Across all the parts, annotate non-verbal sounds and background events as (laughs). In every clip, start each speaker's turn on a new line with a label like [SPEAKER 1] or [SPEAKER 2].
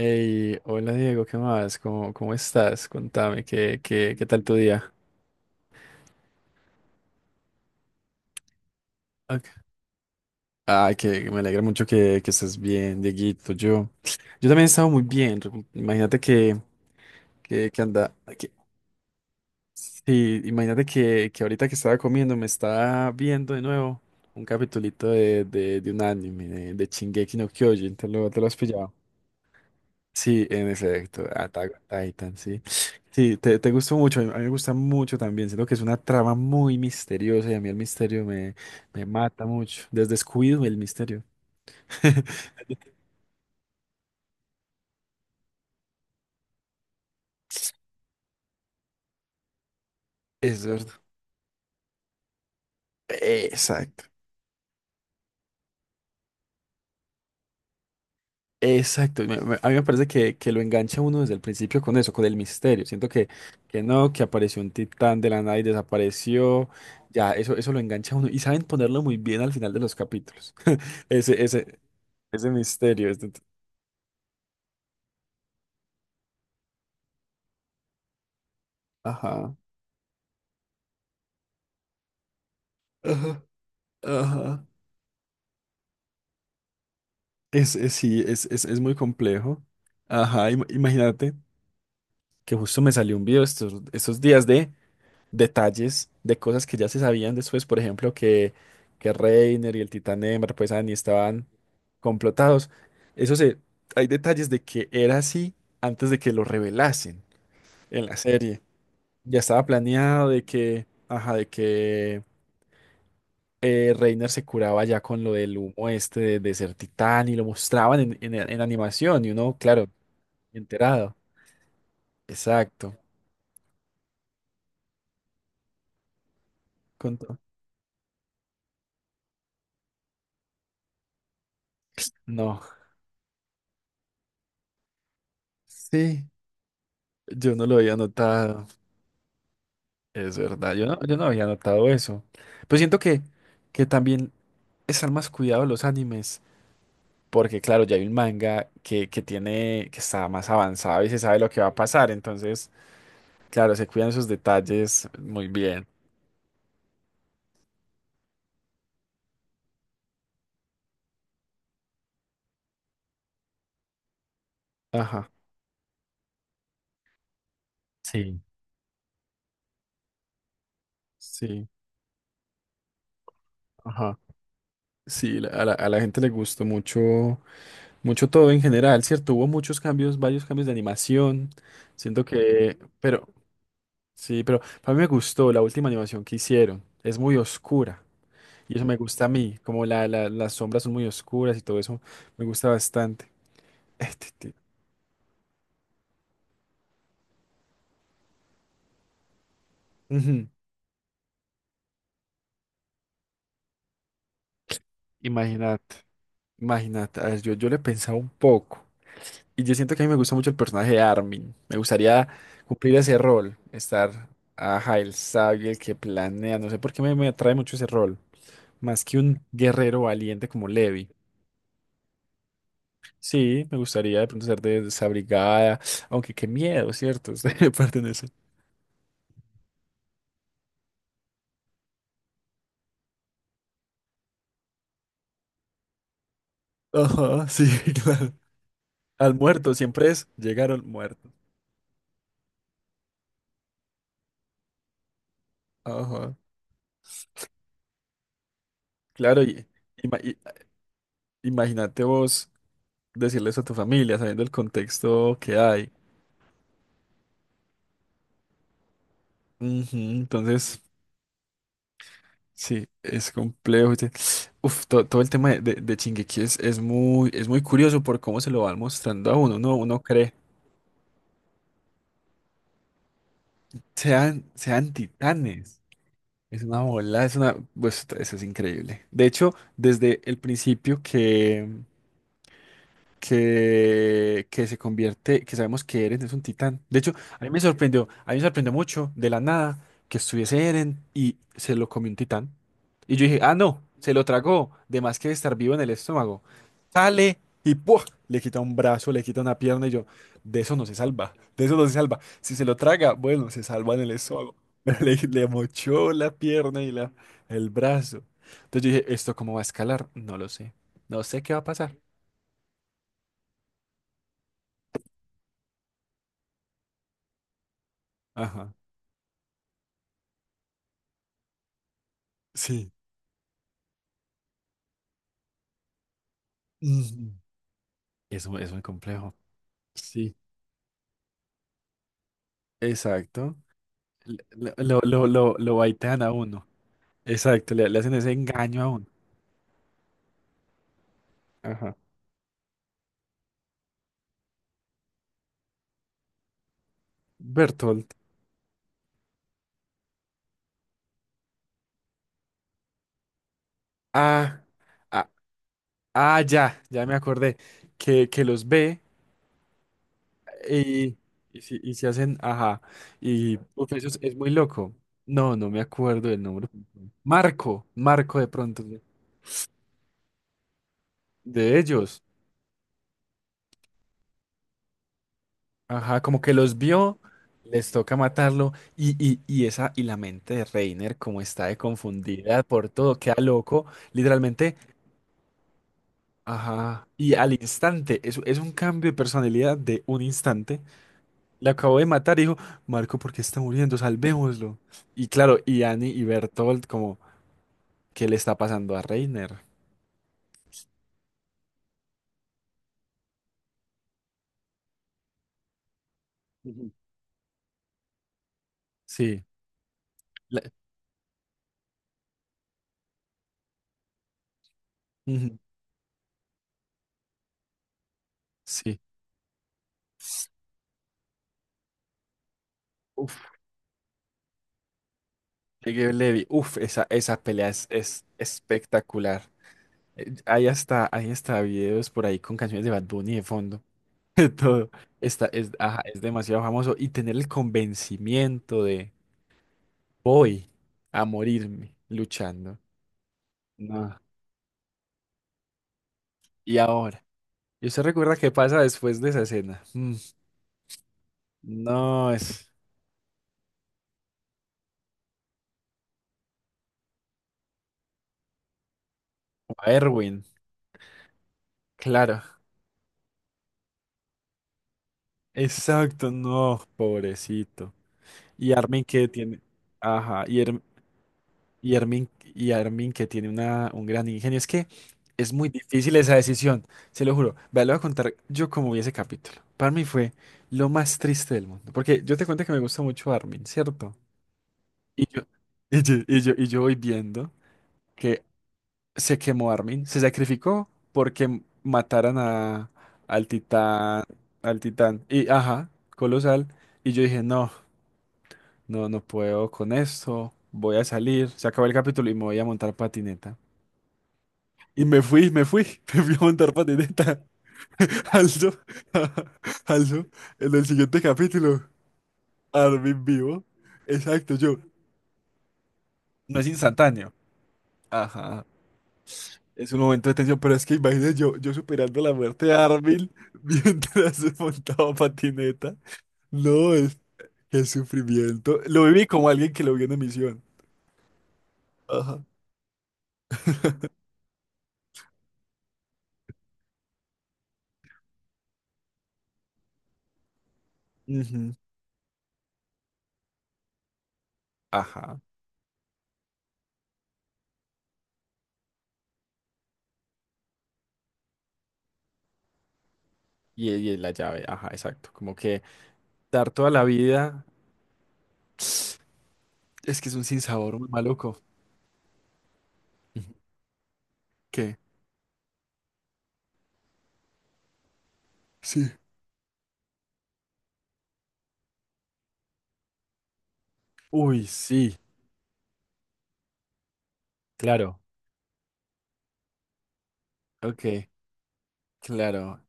[SPEAKER 1] Hey, hola Diego, ¿qué más? ¿¿Cómo estás? Contame, ¿qué tal tu día? Ok. Ay, que me alegra mucho que estés bien, Dieguito. Yo también he estado muy bien. Imagínate que anda. Que- sí, imagínate que ahorita que estaba comiendo me estaba viendo de nuevo un capitulito de un anime, de Shingeki no Kyojin. Te lo has pillado? Sí, en efecto, Attack on Titan, sí. Sí, te gustó mucho, a mí me gusta mucho también. Siento que es una trama muy misteriosa y a mí el misterio me mata mucho, desde Scooby el misterio. (laughs) Es verdad. Exacto, exacto. A mí me parece que lo engancha uno desde el principio con eso, con el misterio. Siento que no, que apareció un titán de la nada y desapareció. Ya, eso lo engancha a uno. Y saben ponerlo muy bien al final de los capítulos. (laughs) Ese, ese, ese misterio. Ajá. Ajá. Ajá. Sí, es muy complejo. Ajá, imagínate que justo me salió un video estos, estos días de detalles de cosas que ya se sabían después, por ejemplo, que Reiner y el Titán Ember, pues Annie estaban complotados. Eso se, hay detalles de que era así antes de que lo revelasen en la serie. Ya estaba planeado de que, ajá, de que Reiner se curaba ya con lo del humo este de ser titán y lo mostraban en animación y uno, claro, enterado. Exacto. Con to- No. Sí, yo no lo había notado. Es verdad, yo no había notado eso. Pero siento que también están más cuidados los animes, porque claro, ya hay un manga que tiene, que está más avanzado y se sabe lo que va a pasar. Entonces, claro, se cuidan esos detalles muy bien. Ajá. Sí. Sí, ajá. Sí, a la gente le gustó mucho, mucho todo en general, ¿cierto? Hubo muchos cambios, varios cambios de animación. Siento que, pero sí, pero a mí me gustó la última animación que hicieron. Es muy oscura y eso me gusta a mí, como las sombras son muy oscuras y todo eso me gusta bastante. (laughs) Este, te- ujú. Imagínate, imagínate. A ver, yo le pensaba un poco. Y yo siento que a mí me gusta mucho el personaje de Armin. Me gustaría cumplir ese rol, estar, ajá, el sabio, el que planea. No sé por qué me atrae mucho ese rol, más que un guerrero valiente como Levi. Sí, me gustaría de pronto ser de esa brigada, aunque qué miedo, ¿cierto? (laughs) Ustedes parten eso. Ajá, sí, (laughs) claro. Al muerto siempre es llegar al muerto. Ajá. Claro, y imagínate vos decirle eso a tu familia, sabiendo el contexto que hay. Ujú, entonces. Sí, es complejo. ¿Viste? Uf, todo el tema de Shingeki es muy curioso por cómo se lo van mostrando a uno. Uno, uno cree, sean titanes. Es una bola, es una. Pues, eso es increíble. De hecho, desde el principio que se convierte, que sabemos que Eren es un titán. De hecho, a mí me sorprendió, a mí me sorprendió mucho de la nada que estuviese Eren y se lo comió un titán. Y yo dije, ah, no, se lo tragó, de más que estar vivo en el estómago. Sale y ¡pua! Le quita un brazo, le quita una pierna y yo, de eso no se salva, de eso no se salva. Si se lo traga, bueno, se salva en el estómago. (laughs) Pero le mochó la pierna y la, el brazo. Entonces yo dije, ¿esto cómo va a escalar? No lo sé. No sé qué va a pasar. Ajá. Sí, ujú, es muy complejo. Sí, exacto. Lo baitean a uno. Exacto, le hacen ese engaño a uno. Ajá. Bertolt. Ah, ah, ya me acordé. Que los ve y, y, si- y se hacen, ajá. Y uf, eso es muy loco. No, no me acuerdo del nombre. Marco, Marco de pronto, de ellos. Ajá, como que los vio, les toca matarlo y esa y la mente de Reiner como está de confundida por todo, queda loco, literalmente, ajá, y al instante, es un cambio de personalidad de un instante, le acabó de matar y dijo, Marco, ¿por qué está muriendo? Salvémoslo. Y claro, y Annie y Bertolt como, ¿qué le está pasando a Reiner? Ujú. Sí, la- ujú, sí. Uf, Miguel Levy, uf, esa pelea es espectacular. Hay hasta videos por ahí con canciones de Bad Bunny de fondo. (laughs) de todo. Está, es, ajá, es demasiado famoso. Y tener el convencimiento de voy a morirme luchando. No. Y ahora. ¿Y usted recuerda qué pasa después de esa escena? Mm, no, es a Erwin. Claro. Exacto, no, pobrecito. Y Armin que tiene. Ajá. Y Ermin. Y Armin, y Armin que tiene una, un gran ingenio. Es que es muy difícil esa decisión, se lo juro. Vea, le voy a contar yo cómo vi ese capítulo. Para mí fue lo más triste del mundo. Porque yo te cuento que me gusta mucho Armin, ¿cierto? Y yo, (laughs) y yo, y yo, y yo voy viendo que se quemó Armin, se sacrificó porque mataran a, al titán, al titán. Y ajá, colosal. Y yo dije, no, no puedo con esto. Voy a salir, se acabó el capítulo y me voy a montar patineta. Y me fui, (laughs) me fui a montar patineta. (laughs) Alzo, (laughs) alzo, en el siguiente capítulo, Armin vivo. Exacto, yo. No es instantáneo. Ajá. Es un momento de tensión, pero es que imagínate yo superando la muerte de Armin (laughs) mientras se montaba patineta. No, es el sufrimiento. Lo viví como alguien que lo vio en emisión. Ajá. (laughs) Ujú. Ajá. Y la llave, ajá, exacto. Como que dar toda la vida, es que es un sinsabor muy maluco. Ujú. ¿Qué? Sí. Uy, sí, claro. Ok, claro.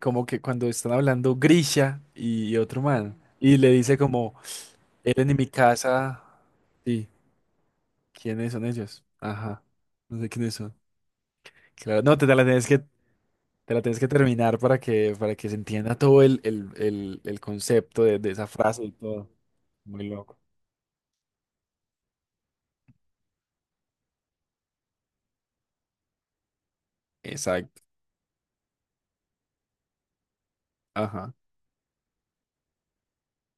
[SPEAKER 1] Como que cuando están hablando Grisha y otro man, y le dice como, eran en mi casa. Sí, ¿quiénes son ellos? Ajá, no sé quiénes son. Claro, no, te la tienes que, te la tienes que terminar para que se entienda todo el concepto de esa frase y todo. Muy loco. Exacto, ajá.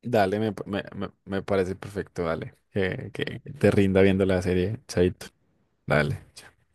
[SPEAKER 1] Dale, me parece perfecto, dale. Que te rinda viendo la serie, Chaito. Dale.